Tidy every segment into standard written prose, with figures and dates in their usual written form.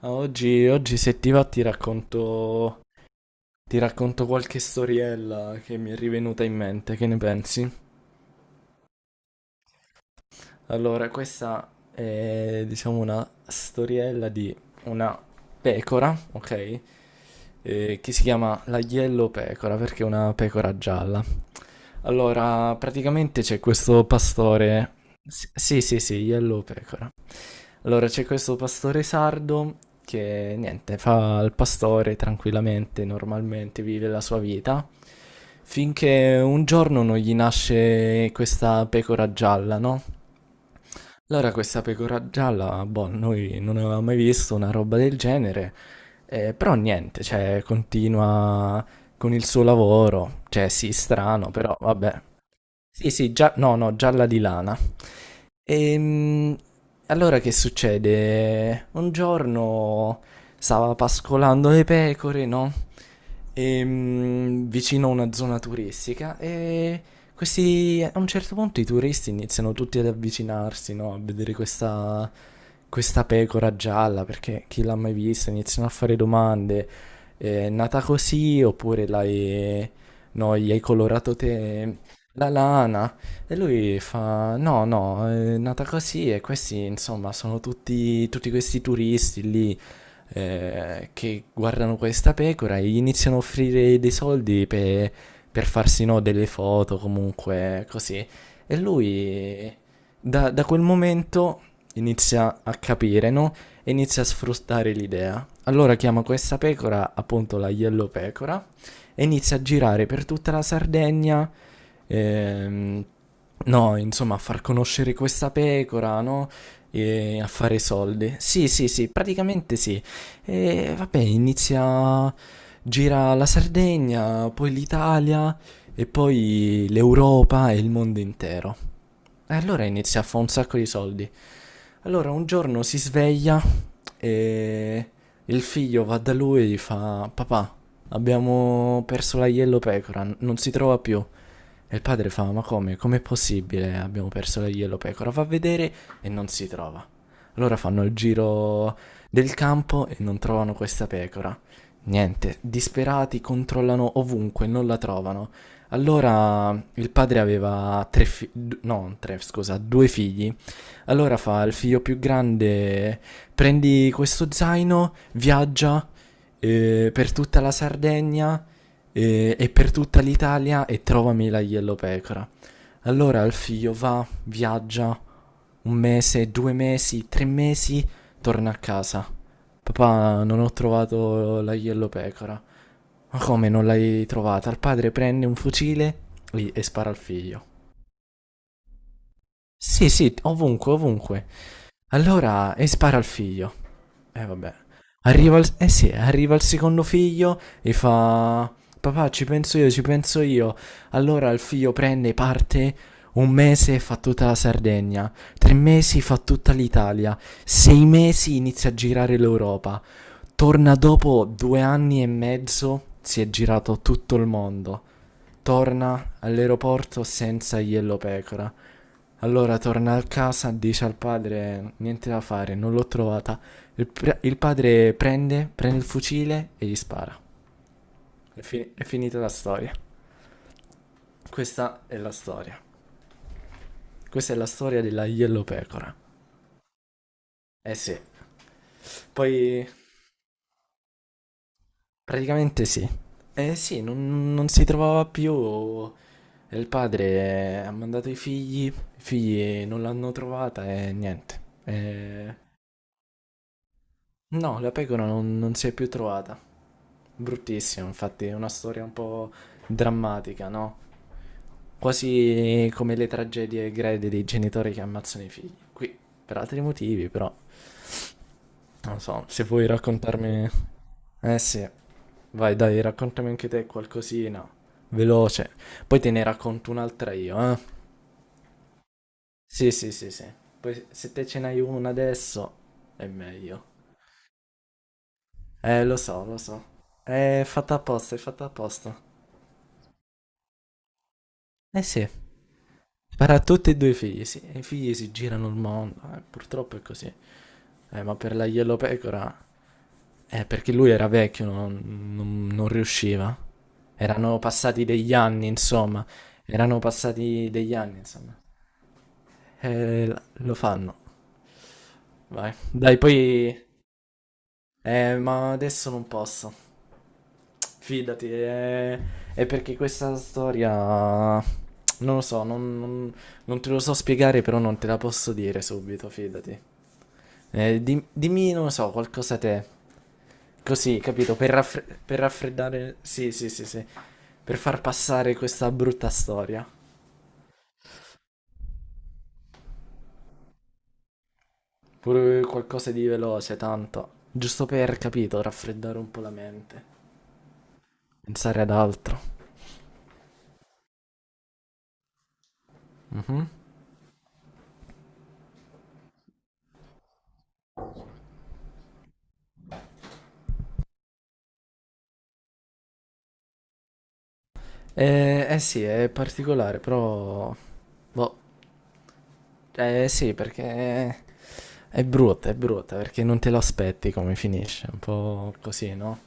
Ah, Oggi se ti va ti racconto qualche storiella che mi è rivenuta in mente, che ne pensi? Allora, questa è diciamo una storiella di una pecora, ok? Che si chiama la Yellow Pecora perché è una pecora gialla. Allora, praticamente c'è questo pastore. Sì, sì, sì, Yellow Pecora. Allora, c'è questo pastore sardo che niente, fa il pastore tranquillamente, normalmente vive la sua vita, finché un giorno non gli nasce questa pecora gialla, no? Allora, questa pecora gialla, boh, noi non avevamo mai visto una roba del genere, però niente, cioè, continua con il suo lavoro, cioè, sì, strano, però vabbè. Sì, sì, no, no, gialla di lana. Ehm, allora che succede? Un giorno stava pascolando le pecore, no? Vicino a una zona turistica e questi, a un certo punto i turisti iniziano tutti ad avvicinarsi, no? A vedere questa pecora gialla, perché chi l'ha mai vista? Iniziano a fare domande. È nata così oppure l'hai, no, gli hai colorato te? La lana. E lui fa: No, no, è nata così. E questi, insomma, sono tutti questi turisti lì che guardano questa pecora e gli iniziano a offrire dei soldi per farsi, no, delle foto, comunque, così. E lui, da quel momento, inizia a capire, no? E inizia a sfruttare l'idea. Allora chiama questa pecora appunto la Yellow Pecora e inizia a girare per tutta la Sardegna. ehm, no, insomma, a far conoscere questa pecora, no? E a fare soldi. Sì, sì, sì, praticamente sì. E vabbè, inizia. Gira la Sardegna, poi l'Italia e poi l'Europa e il mondo intero. E allora inizia a fare un sacco di soldi. Allora un giorno si sveglia e il figlio va da lui e gli fa: Papà, abbiamo perso la Yellow Pecora, non si trova più. E il padre fa: Ma come? Com'è possibile? Abbiamo perso la Yellow Pecora. Va a vedere e non si trova. Allora fanno il giro del campo e non trovano questa pecora. Niente, disperati controllano ovunque, non la trovano. Allora il padre aveva tre figli, no, tre, scusa, due figli allora fa il figlio più grande, prendi questo zaino, viaggia per tutta la Sardegna e per tutta l'Italia e trovami la yellowpecora. Allora il figlio va, viaggia un mese, 2 mesi, 3 mesi, torna a casa. Papà, non ho trovato la yellowpecora. Ma come non l'hai trovata? Il padre prende un fucile lì, e spara al figlio. Sì, sì, ovunque, ovunque. Allora, e spara al figlio. Eh vabbè. Eh sì, arriva il secondo figlio e fa... Papà, ci penso io, ci penso io. Allora il figlio prende parte, un mese fa tutta la Sardegna, 3 mesi fa tutta l'Italia, 6 mesi inizia a girare l'Europa, torna dopo 2 anni e mezzo, si è girato tutto il mondo, torna all'aeroporto senza Yellow Pecora, allora torna a casa, dice al padre: Niente da fare, non l'ho trovata. Il padre prende il fucile e gli spara. È finita la storia. Questa è la storia. Questa è la storia della Yellow Pecora. Eh sì. Poi, praticamente sì. Eh sì, non si trovava più. E il padre ha mandato i figli. I figli non l'hanno trovata e niente. No, la pecora non si è più trovata. Bruttissima, infatti, è una storia un po' drammatica, no? Quasi come le tragedie greche dei genitori che ammazzano i figli. Qui, per altri motivi, però, non so, se vuoi raccontarmi... Eh sì, vai dai, raccontami anche te qualcosina, veloce. Poi te ne racconto un'altra io, eh? Sì, sì, sì, sì. Poi se te ce n'hai una adesso, è meglio. Lo so, lo so. È fatta apposta, è fatta apposta. Eh sì, per tutti e due i figli, sì. I figli si girano il mondo, purtroppo è così. Ma per la Yellow Pecora, perché lui era vecchio, non riusciva. Erano passati degli anni, insomma. Erano passati degli anni, insomma. Lo fanno, vai. Dai, poi... ma adesso non posso. Fidati, è perché questa storia... Non lo so, non te lo so spiegare, però non te la posso dire subito, fidati. Dimmi, non lo so, qualcosa te. Così, capito? Per raffreddare. Sì, sì, sì, sì. Per far passare questa brutta storia. Pure qualcosa di veloce, tanto. Giusto per, capito, raffreddare un po' la mente. Pensare ad altro. Mhm. Eh sì, è particolare, però... Boh, eh sì, perché è brutta, perché non te lo aspetti come finisce, un po' così, no?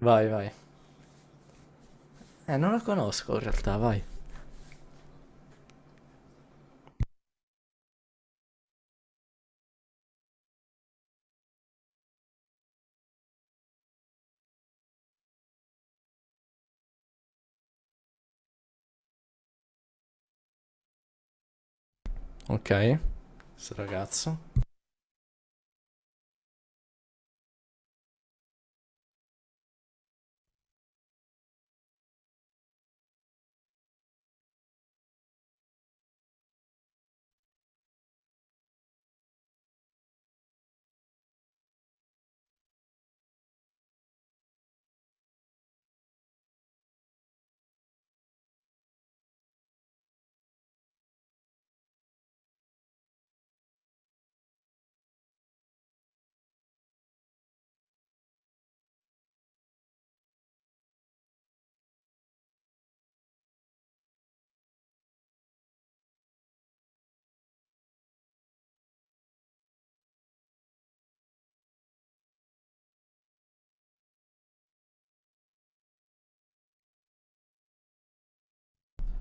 Vai, vai. Non la conosco in realtà, vai. Ok. Questo ragazzo.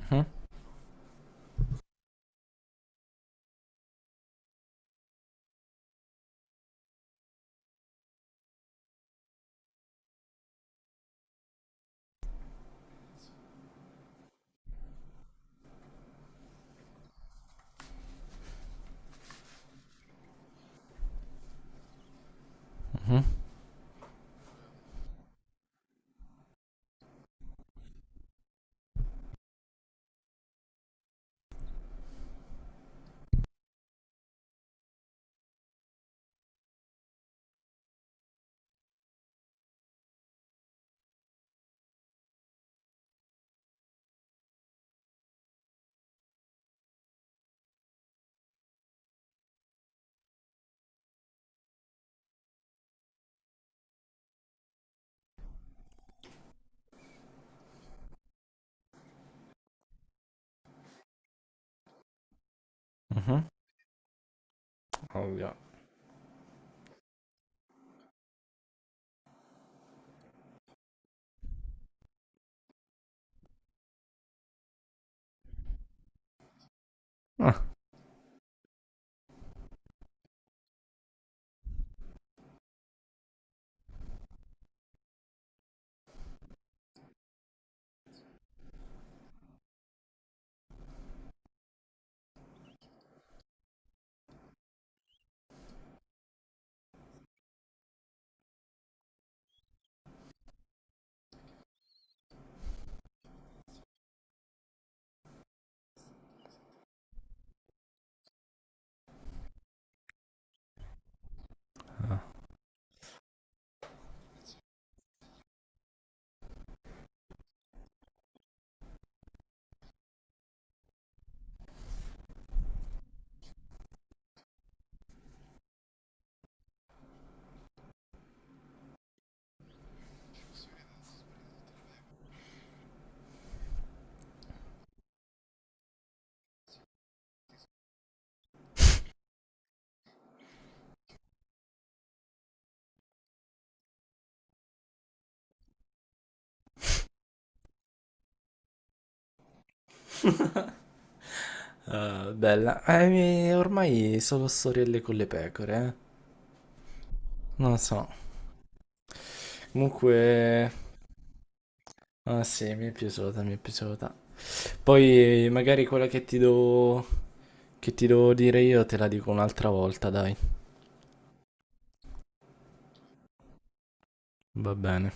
Mhm, mhm, mhm. Ovvio. Ah. Bella. Ormai solo storielle con le pecore, eh. Non lo so. Comunque... Ah sì, mi è piaciuta, mi è piaciuta. Poi magari quella che ti do... che ti devo dire io te la dico un'altra volta, dai. Va bene.